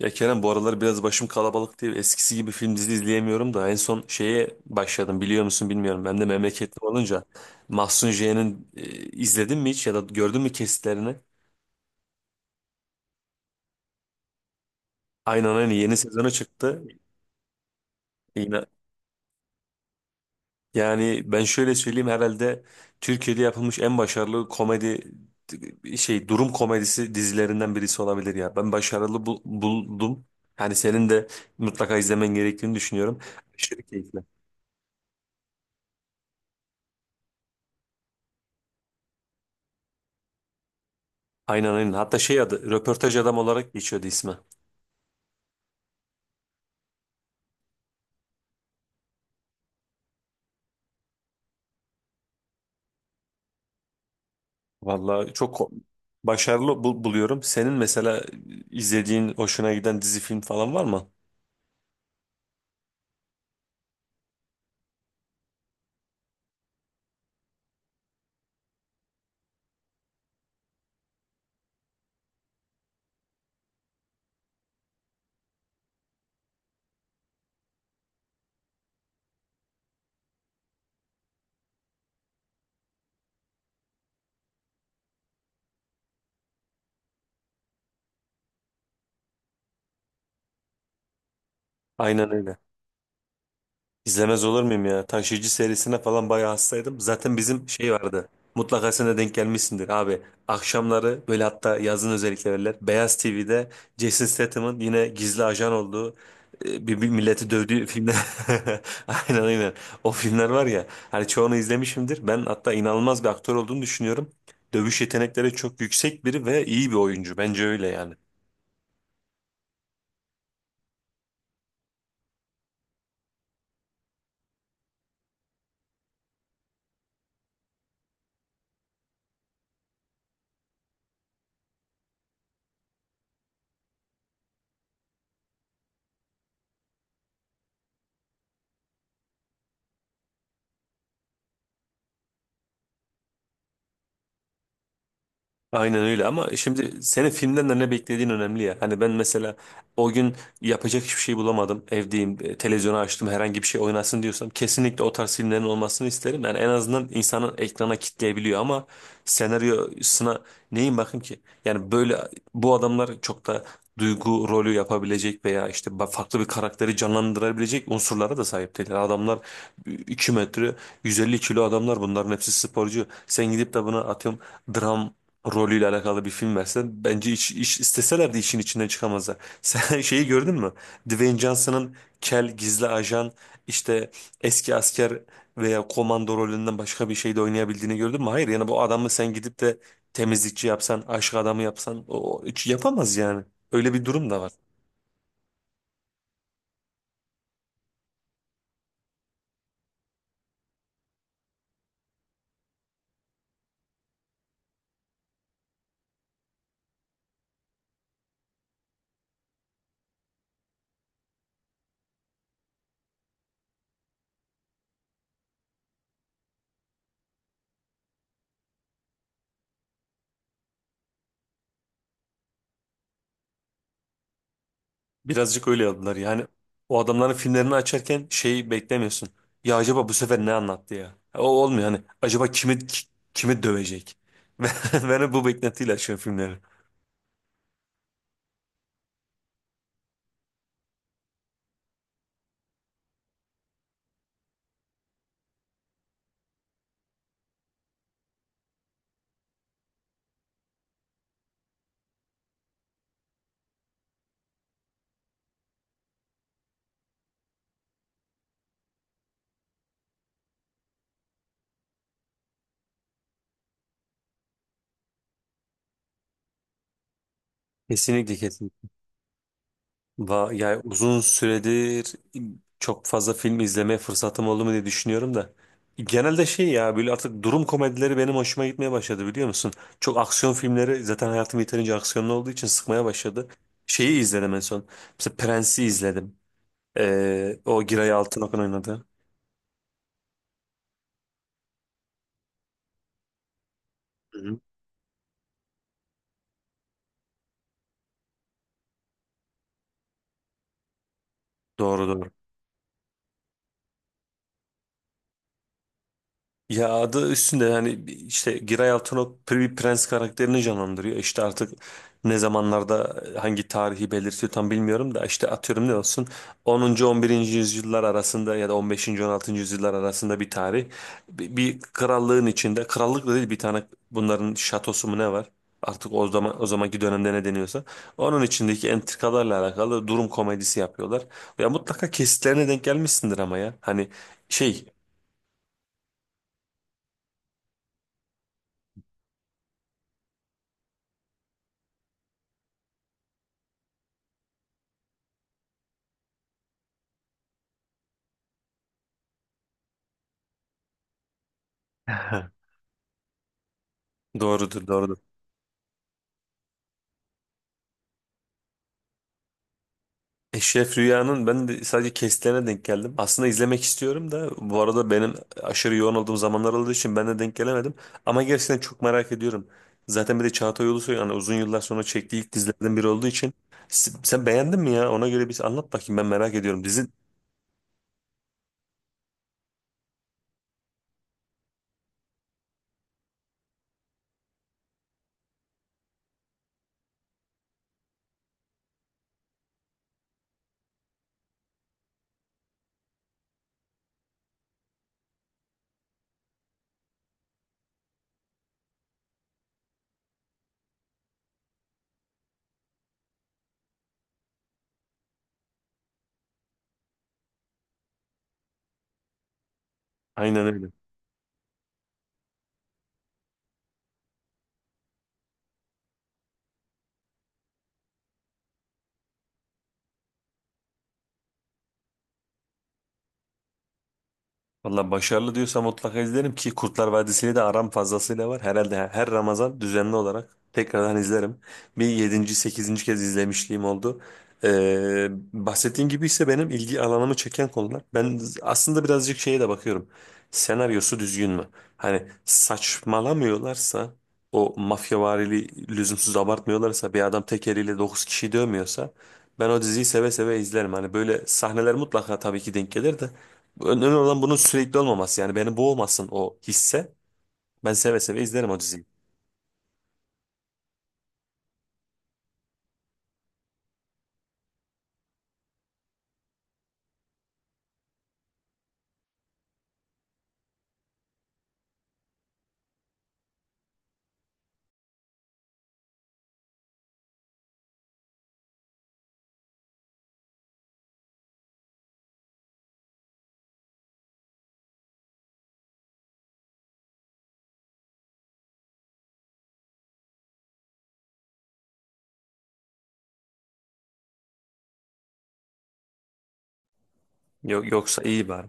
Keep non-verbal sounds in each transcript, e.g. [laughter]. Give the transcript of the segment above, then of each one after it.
Ya Kerem bu aralar biraz başım kalabalık değil. Eskisi gibi film dizi izleyemiyorum da en son şeye başladım biliyor musun bilmiyorum. Ben de memleketli olunca Mahsun J'nin izledin mi hiç ya da gördün mü kesitlerini? Aynen aynen, yeni sezonu çıktı. Yine, yani ben şöyle söyleyeyim herhalde Türkiye'de yapılmış en başarılı komedi şey durum komedisi dizilerinden birisi olabilir ya. Ben başarılı buldum. Yani senin de mutlaka izlemen gerektiğini düşünüyorum. Aşırı keyifli. Aynen aynen. Hatta şey adı röportaj adam olarak geçiyordu ismi. Vallahi başarılı buluyorum. Senin mesela izlediğin hoşuna giden dizi film falan var mı? Aynen öyle. İzlemez olur muyum ya? Taşıyıcı serisine falan bayağı hastaydım. Zaten bizim şey vardı. Mutlaka sen de denk gelmişsindir abi. Akşamları böyle hatta yazın özellikle verirler. Beyaz TV'de Jason Statham'ın yine gizli ajan olduğu bir milleti dövdüğü filmler. [laughs] Aynen aynen. O filmler var ya. Hani çoğunu izlemişimdir. Ben hatta inanılmaz bir aktör olduğunu düşünüyorum. Dövüş yetenekleri çok yüksek biri ve iyi bir oyuncu. Bence öyle yani. Aynen öyle ama şimdi senin filmden de ne beklediğin önemli ya. Hani ben mesela o gün yapacak hiçbir şey bulamadım. Evdeyim, televizyonu açtım herhangi bir şey oynasın diyorsam kesinlikle o tarz filmlerin olmasını isterim. Yani en azından insanın ekrana kitleyebiliyor ama senaryosuna neyin bakayım ki? Yani böyle bu adamlar çok da duygu rolü yapabilecek veya işte farklı bir karakteri canlandırabilecek unsurlara da sahip değiller. Adamlar 2 metre 150 kilo adamlar bunların hepsi sporcu. Sen gidip de buna atıyorum dram rolüyle alakalı bir film versen bence iş isteseler de işin içinden çıkamazlar. [laughs] Sen şeyi gördün mü? Dwayne Johnson'ın kel gizli ajan işte eski asker veya komando rolünden başka bir şeyde oynayabildiğini gördün mü? Hayır yani bu adamı sen gidip de temizlikçi yapsan, aşk adamı yapsan o hiç yapamaz yani. Öyle bir durum da var. Birazcık öyle yaptılar yani. O adamların filmlerini açarken şeyi beklemiyorsun. Ya acaba bu sefer ne anlattı ya? O olmuyor hani. Acaba kimi dövecek? [laughs] Ben, ben hep bu beklentiyle açıyorum filmleri. Kesinlikle kesinlikle. Yani uzun süredir çok fazla film izlemeye fırsatım oldu mu diye düşünüyorum da. Genelde şey ya böyle artık durum komedileri benim hoşuma gitmeye başladı biliyor musun? Çok aksiyon filmleri zaten hayatım yeterince aksiyonlu olduğu için sıkmaya başladı. Şeyi izledim en son. Mesela Prens'i izledim. O Giray Altınok'un oynadı. Hı hı. Doğru doğru. Ya adı üstünde yani işte Giray Altunok bir prens karakterini canlandırıyor. İşte artık ne zamanlarda hangi tarihi belirtiyor tam bilmiyorum da işte atıyorum ne olsun 10. 11. yüzyıllar arasında ya da 15. 16. yüzyıllar arasında bir tarih. Bir krallığın içinde krallık da değil bir tane bunların şatosu mu ne var? Artık o zamanki dönemde ne deniyorsa onun içindeki entrikalarla alakalı durum komedisi yapıyorlar. Ya mutlaka kesitlerine denk gelmişsindir ama ya. Hani şey. [laughs] Doğrudur, doğrudur. Eşref Rüya'nın ben de sadece kesitlerine denk geldim. Aslında izlemek istiyorum da bu arada benim aşırı yoğun olduğum zamanlar olduğu için ben de denk gelemedim. Ama gerçekten çok merak ediyorum. Zaten bir de Çağatay Ulusoy yani uzun yıllar sonra çektiği ilk dizilerden biri olduğu için. Sen beğendin mi ya? Ona göre bir anlat bakayım ben merak ediyorum. Dizi aynen öyle. Valla başarılı diyorsa mutlaka izlerim ki Kurtlar Vadisi'yle de aram fazlasıyla var. Herhalde her Ramazan düzenli olarak tekrardan izlerim. Bir 7. 8. kez izlemişliğim oldu. Bahsettiğin gibi ise benim ilgi alanımı çeken konular. Ben aslında birazcık şeye de bakıyorum. Senaryosu düzgün mü? Hani saçmalamıyorlarsa o mafyavari lüzumsuz abartmıyorlarsa bir adam tek eliyle 9 kişi dövmüyorsa ben o diziyi seve seve izlerim. Hani böyle sahneler mutlaka tabii ki denk gelir de önemli olan bunun sürekli olmaması. Yani beni boğmasın o hisse. Ben seve seve izlerim o diziyi. Yok, yoksa iyi bari.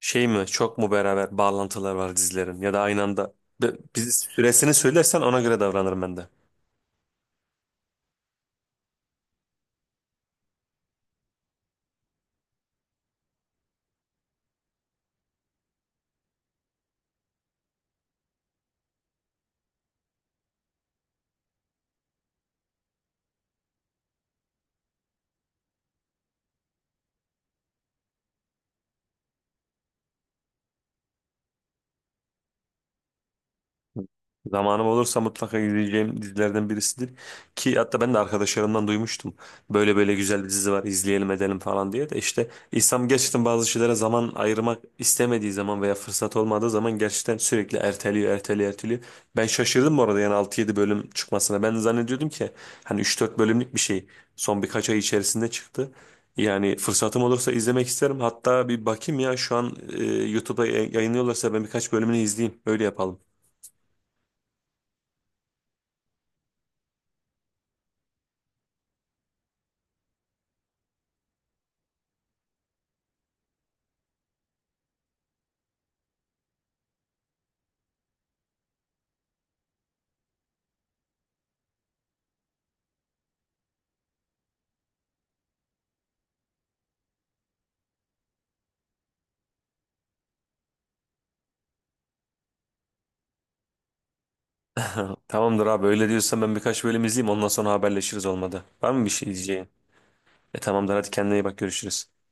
Şey mi çok mu beraber bağlantılar var dizilerin ya da aynı anda bizi süresini söylersen ona göre davranırım ben de. Zamanım olursa mutlaka izleyeceğim dizilerden birisidir. Ki hatta ben de arkadaşlarımdan duymuştum. Böyle böyle güzel bir dizi var izleyelim edelim falan diye de işte insan gerçekten bazı şeylere zaman ayırmak istemediği zaman veya fırsat olmadığı zaman gerçekten sürekli erteliyor, erteliyor, erteliyor. Ben şaşırdım bu arada yani 6 7 bölüm çıkmasına. Ben zannediyordum ki hani 3 4 bölümlük bir şey son birkaç ay içerisinde çıktı. Yani fırsatım olursa izlemek isterim. Hatta bir bakayım ya şu an YouTube'da yayınlıyorlarsa ben birkaç bölümünü izleyeyim. Öyle yapalım. [laughs] Tamamdır abi öyle diyorsan ben birkaç bölüm izleyeyim ondan sonra haberleşiriz olmadı. Var mı bir şey diyeceğin? E tamamdır hadi kendine iyi bak görüşürüz.